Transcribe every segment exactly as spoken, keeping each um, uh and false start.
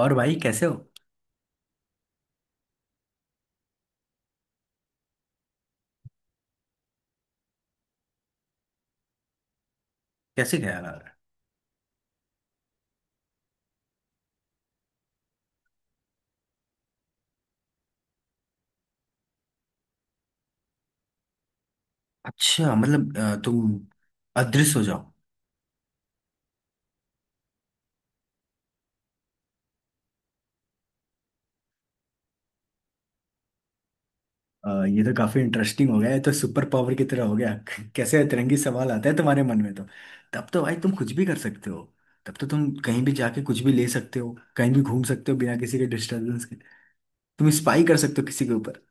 और भाई कैसे हो। कैसे ख्याल आ रहा है। अच्छा मतलब अ, तुम अदृश्य हो जाओ। अ, ये तो काफी इंटरेस्टिंग हो गया ये तो सुपर पावर की तरह हो गया। कैसे अतरंगी सवाल आता है तुम्हारे मन में तो। तब तो भाई तुम कुछ भी कर सकते हो। तब तो तुम कहीं भी जाके कुछ भी ले सकते हो, कहीं भी घूम सकते हो बिना किसी के डिस्टरबेंस के। तुम स्पाई कर सकते हो किसी के ऊपर।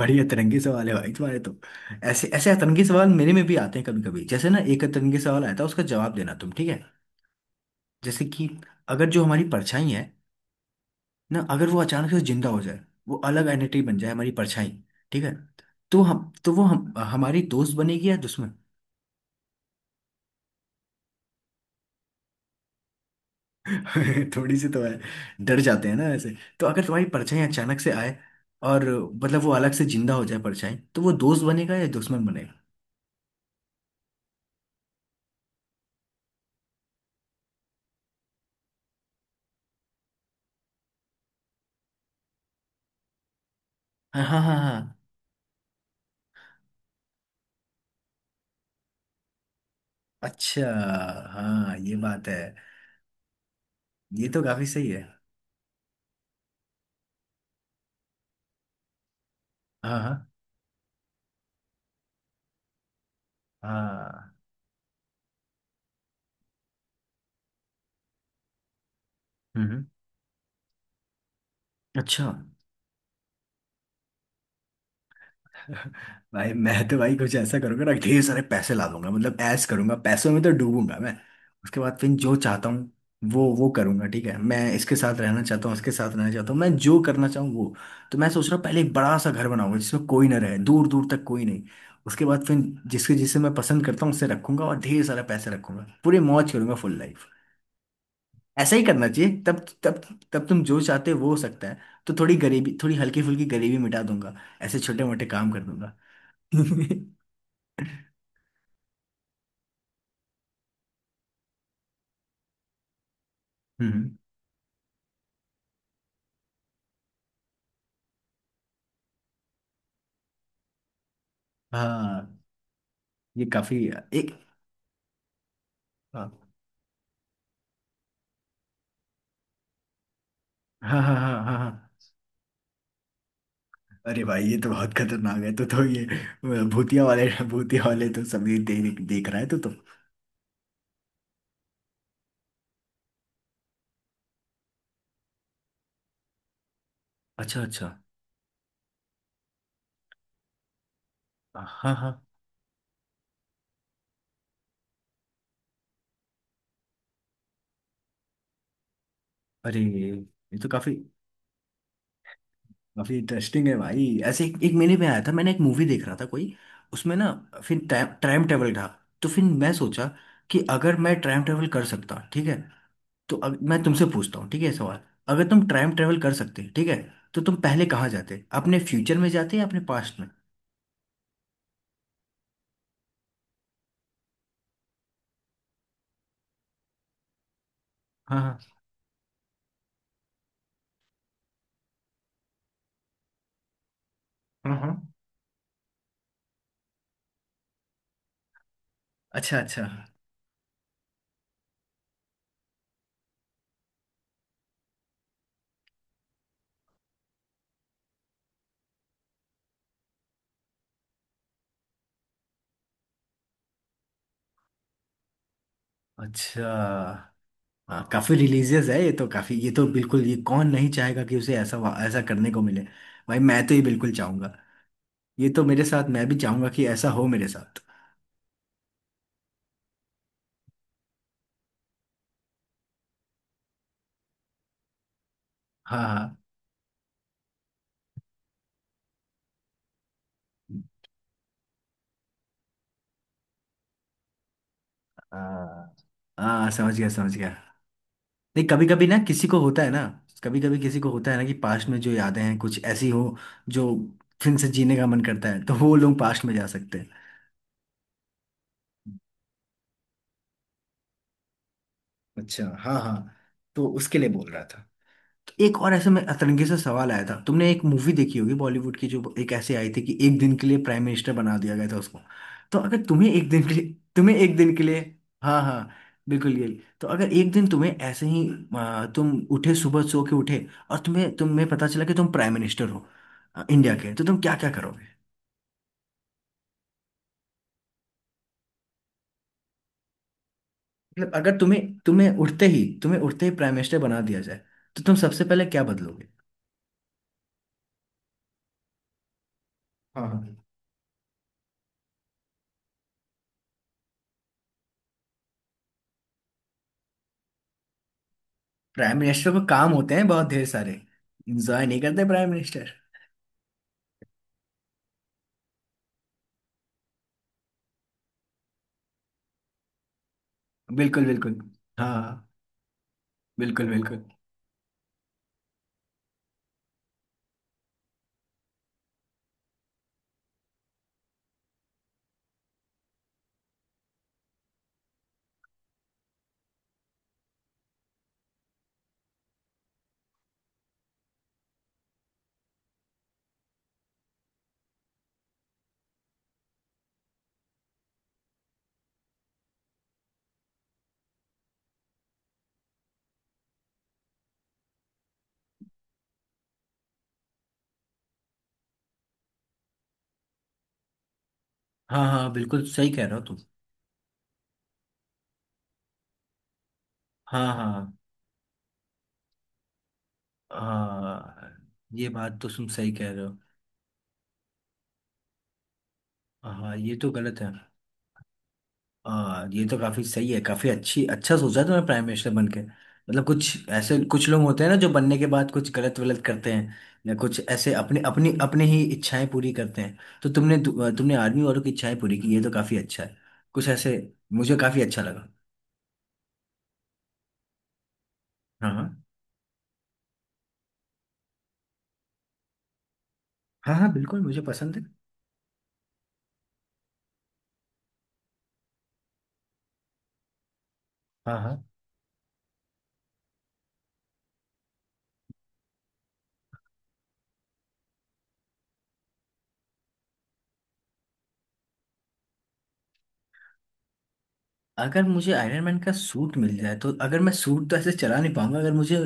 बड़ी अतरंगी सवाल है भाई तुम्हारे तो। ऐसे ऐसे अतरंगी सवाल मेरे में भी आते हैं कभी कभी। जैसे ना एक अतरंगी सवाल आया था, उसका जवाब देना तुम, ठीक है। जैसे कि अगर जो हमारी परछाई है ना, अगर वो अचानक से जिंदा हो जाए, वो अलग एंटिटी बन जाए हमारी परछाई, ठीक है, तो हम तो वो हम हमारी दोस्त बनेगी या दुश्मन। थोड़ी सी तो है। डर जाते हैं ना ऐसे। तो अगर तुम्हारी परछाई अचानक से आए और मतलब वो अलग से जिंदा हो जाए परछाई, तो वो दोस्त बनेगा या दुश्मन बनेगा। हाँ हाँ हाँ हाँ। अच्छा। हाँ ये बात है। ये तो काफी सही है। हाँ हाँ हाँ। हम्म। अच्छा। भाई मैं तो भाई कुछ ऐसा करूंगा ना, ढेर सारे पैसे ला दूंगा, मतलब ऐश करूंगा, पैसों में तो डूबूंगा मैं। उसके बाद फिर जो चाहता हूँ वो वो करूंगा, ठीक है। मैं इसके साथ रहना चाहता हूँ, उसके साथ रहना चाहता हूँ, मैं जो करना चाहूँ वो। तो मैं सोच रहा हूँ, पहले एक बड़ा सा घर बनाऊंगा जिसमें कोई ना रहे, दूर दूर तक कोई नहीं। उसके बाद फिर जिसके जिसे मैं पसंद करता हूँ उसे रखूंगा, और ढेर सारा पैसे रखूंगा, पूरी मौज करूंगा, फुल लाइफ। ऐसा ही करना चाहिए। तब तब तब तुम जो चाहते हो वो हो सकता है। तो थोड़ी गरीबी थोड़ी हल्की फुल्की गरीबी मिटा दूंगा, ऐसे छोटे मोटे काम कर दूंगा। हम्म। हाँ ये काफी, एक। हाँ हाँ हाँ हाँ हाँ हाँ। अरे भाई ये तो बहुत खतरनाक है। तो तो ये भूतिया वाले, भूतिया वाले तो सभी देख देख रहा है तो तो। अच्छा अच्छा। हाँ हाँ। अरे ये तो काफी काफी इंटरेस्टिंग है भाई। ऐसे एक, एक मेले में आया था मैंने, एक मूवी देख रहा था कोई, उसमें ना फिर टाइम ट्रैवल था। तो फिर मैं सोचा कि अगर मैं टाइम ट्रैवल कर सकता, ठीक है, तो अब मैं तुमसे पूछता हूँ, ठीक है, सवाल। अगर तुम टाइम ट्रेवल कर सकते, ठीक है, तो तुम पहले कहाँ जाते, अपने फ्यूचर में जाते या अपने पास्ट में। हाँ हाँ हाँ हाँ। अच्छा अच्छा। अच्छा हाँ काफी रिलीजियस है, ये तो काफी, ये तो बिल्कुल, ये कौन नहीं चाहेगा कि उसे ऐसा ऐसा करने को मिले। भाई मैं तो ये बिल्कुल चाहूंगा। ये तो मेरे साथ, मैं भी चाहूंगा कि ऐसा हो मेरे साथ। हाँ हाँ हाँ। हाँ समझ गया समझ गया। नहीं, कभी कभी ना किसी को होता है ना, कभी कभी किसी को होता है ना कि पास्ट में जो यादें हैं कुछ ऐसी हो जो फिर से जीने का मन करता है, तो वो लोग पास्ट में जा सकते हैं। अच्छा हाँ हाँ, तो उसके लिए बोल रहा था। एक और ऐसे में अतरंगी से सवाल आया था। तुमने एक मूवी देखी होगी बॉलीवुड की जो एक ऐसे आई थी कि एक दिन के लिए प्राइम मिनिस्टर बना दिया गया था उसको। तो अगर तुम्हें एक दिन के लिए, तुम्हें एक दिन के लिए हाँ हाँ बिल्कुल ये, तो अगर एक दिन तुम्हें ऐसे ही आ, तुम उठे सुबह, सो के उठे और तुम्हें तुम्हें पता चला कि तुम प्राइम मिनिस्टर हो, आ, इंडिया के, तो तुम क्या क्या करोगे। मतलब अगर तुम्हें तुम्हें उठते ही तुम्हें उठते ही प्राइम मिनिस्टर बना दिया जाए, तो तुम सबसे पहले क्या बदलोगे। हाँ हाँ। प्राइम मिनिस्टर को काम होते हैं बहुत ढेर सारे, इंजॉय नहीं करते प्राइम मिनिस्टर। बिल्कुल बिल्कुल। हाँ। बिल्कुल बिल्कुल। हाँ हाँ बिल्कुल सही कह रहे हो तुम। हाँ हाँ हाँ। ये बात तो तुम सही कह रहे हो। हाँ ये तो गलत है। हाँ ये तो काफी सही है, काफी अच्छी, अच्छा सोचा तुमने प्राइम मिनिस्टर बन के। मतलब कुछ ऐसे कुछ लोग होते हैं ना जो बनने के बाद कुछ गलत वलत करते हैं या कुछ ऐसे अपने अपनी अपने ही इच्छाएं पूरी करते हैं। तो तुमने तुमने आर्मी वालों की इच्छाएं पूरी की, ये तो काफी अच्छा है। कुछ ऐसे। मुझे काफी अच्छा लगा। हाँ हाँ। हाँ हाँ बिल्कुल मुझे पसंद है। हाँ हाँ। अगर मुझे आयरन मैन का सूट मिल जाए, तो अगर मैं सूट तो ऐसे चला नहीं पाऊंगा, अगर मुझे,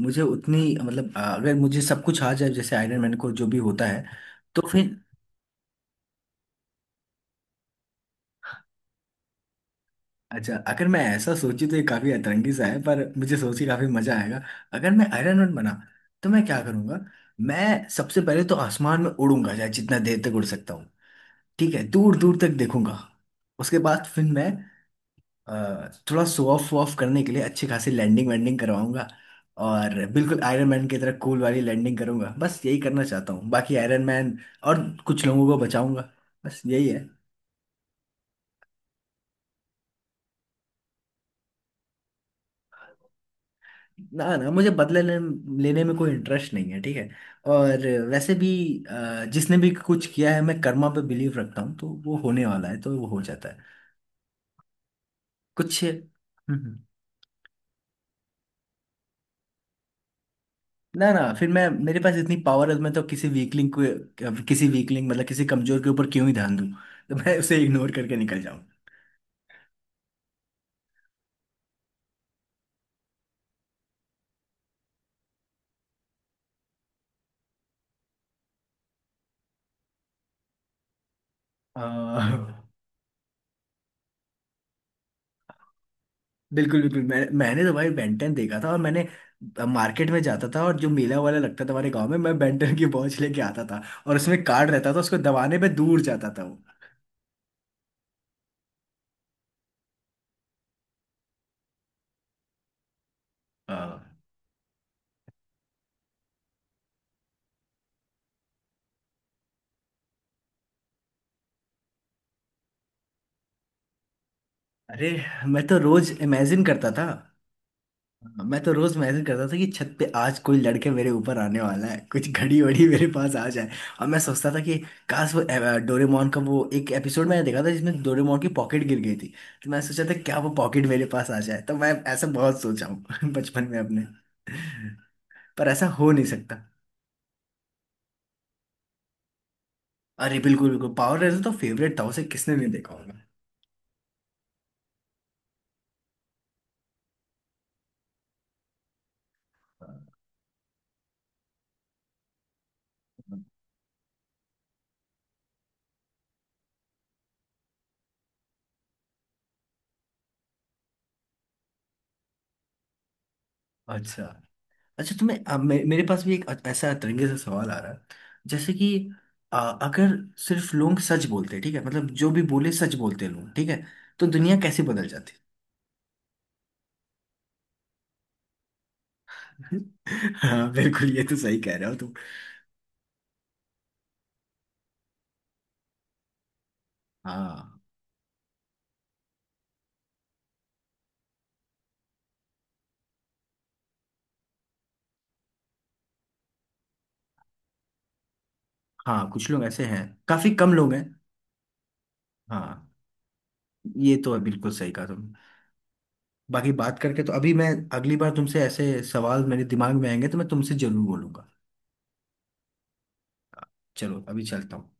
मुझे उतनी, मतलब अ, अगर मुझे सब कुछ आ जाए जैसे आयरन मैन को जो भी होता है, तो फिर। अच्छा, अगर मैं ऐसा सोची तो ये काफी अतरंगी सा है, पर मुझे सोच के काफी मजा आएगा। अगर मैं आयरन मैन बना, तो मैं क्या करूंगा। मैं सबसे पहले तो आसमान में उड़ूंगा, चाहे जितना देर तक उड़ सकता हूँ, ठीक है, दूर दूर तक देखूंगा। उसके बाद फिर मैं अ, थोड़ा शो ऑफ ऑफ करने के लिए अच्छी खासी लैंडिंग वैंडिंग करवाऊंगा, और बिल्कुल आयरन मैन की तरह कूल वाली लैंडिंग करूंगा, बस यही करना चाहता हूँ, बाकी आयरन मैन, और कुछ लोगों को बचाऊंगा, बस यही है। ना ना, मुझे बदले ले, लेने में कोई इंटरेस्ट नहीं है, ठीक है। और वैसे भी अ, जिसने भी कुछ किया है, मैं कर्मा पे बिलीव रखता हूँ, तो वो होने वाला है तो वो हो जाता है। कुछ हम्म, हम्म। ना ना, फिर मैं मेरे पास इतनी पावर है, मैं तो किसी वीकलिंग को, किसी वीकलिंग मतलब किसी कमजोर के ऊपर क्यों ही ध्यान दूं, तो मैं उसे इग्नोर करके निकल जाऊं। अ, बिल्कुल बिल्कुल, मैं, मैंने तो भाई बेंटन देखा था, और मैंने मार्केट में जाता था, और जो मेला वाला लगता था हमारे गांव में, मैं बेंटन की वॉच लेके आता था, और उसमें कार्ड रहता था, उसको दबाने पे दूर जाता था वो। अ, अरे मैं तो रोज इमेजिन करता था। हाँ, मैं तो रोज मैसेज करता था कि छत पे आज कोई लड़के मेरे ऊपर आने वाला है, कुछ घड़ी वड़ी मेरे पास आ जाए। और मैं सोचता था कि काश वो अ, डोरेमोन का वो एक एपिसोड मैंने देखा था जिसमें डोरेमोन की पॉकेट गिर गई थी, तो मैं सोचा था क्या वो पॉकेट मेरे पास आ जाए। तो मैं ऐसा बहुत सोचा हूँ बचपन में अपने। पर ऐसा हो नहीं सकता। अरे बिल्कुल बिल्कुल, पावर रेंजर तो फेवरेट था, उसे किसने नहीं देखा होगा। अच्छा। अच्छा तुम्हें, अब मे, मेरे पास भी एक अ- ऐसा तरीके से सवाल आ रहा है, जैसे कि अ, अगर सिर्फ लोग सच बोलते, ठीक है, मतलब जो भी बोले सच बोलते लोग, ठीक है, तो दुनिया कैसे बदल जाती। हाँ बिल्कुल, ये तो सही कह रहे हो तुम। हाँ हाँ, कुछ लोग ऐसे हैं, काफी कम लोग हैं। हाँ ये तो है, बिल्कुल सही कहा तुम। बाकी बात करके तो अभी मैं, अगली बार तुमसे ऐसे सवाल मेरे दिमाग में आएंगे तो मैं तुमसे जरूर बोलूंगा। चलो अभी चलता हूँ।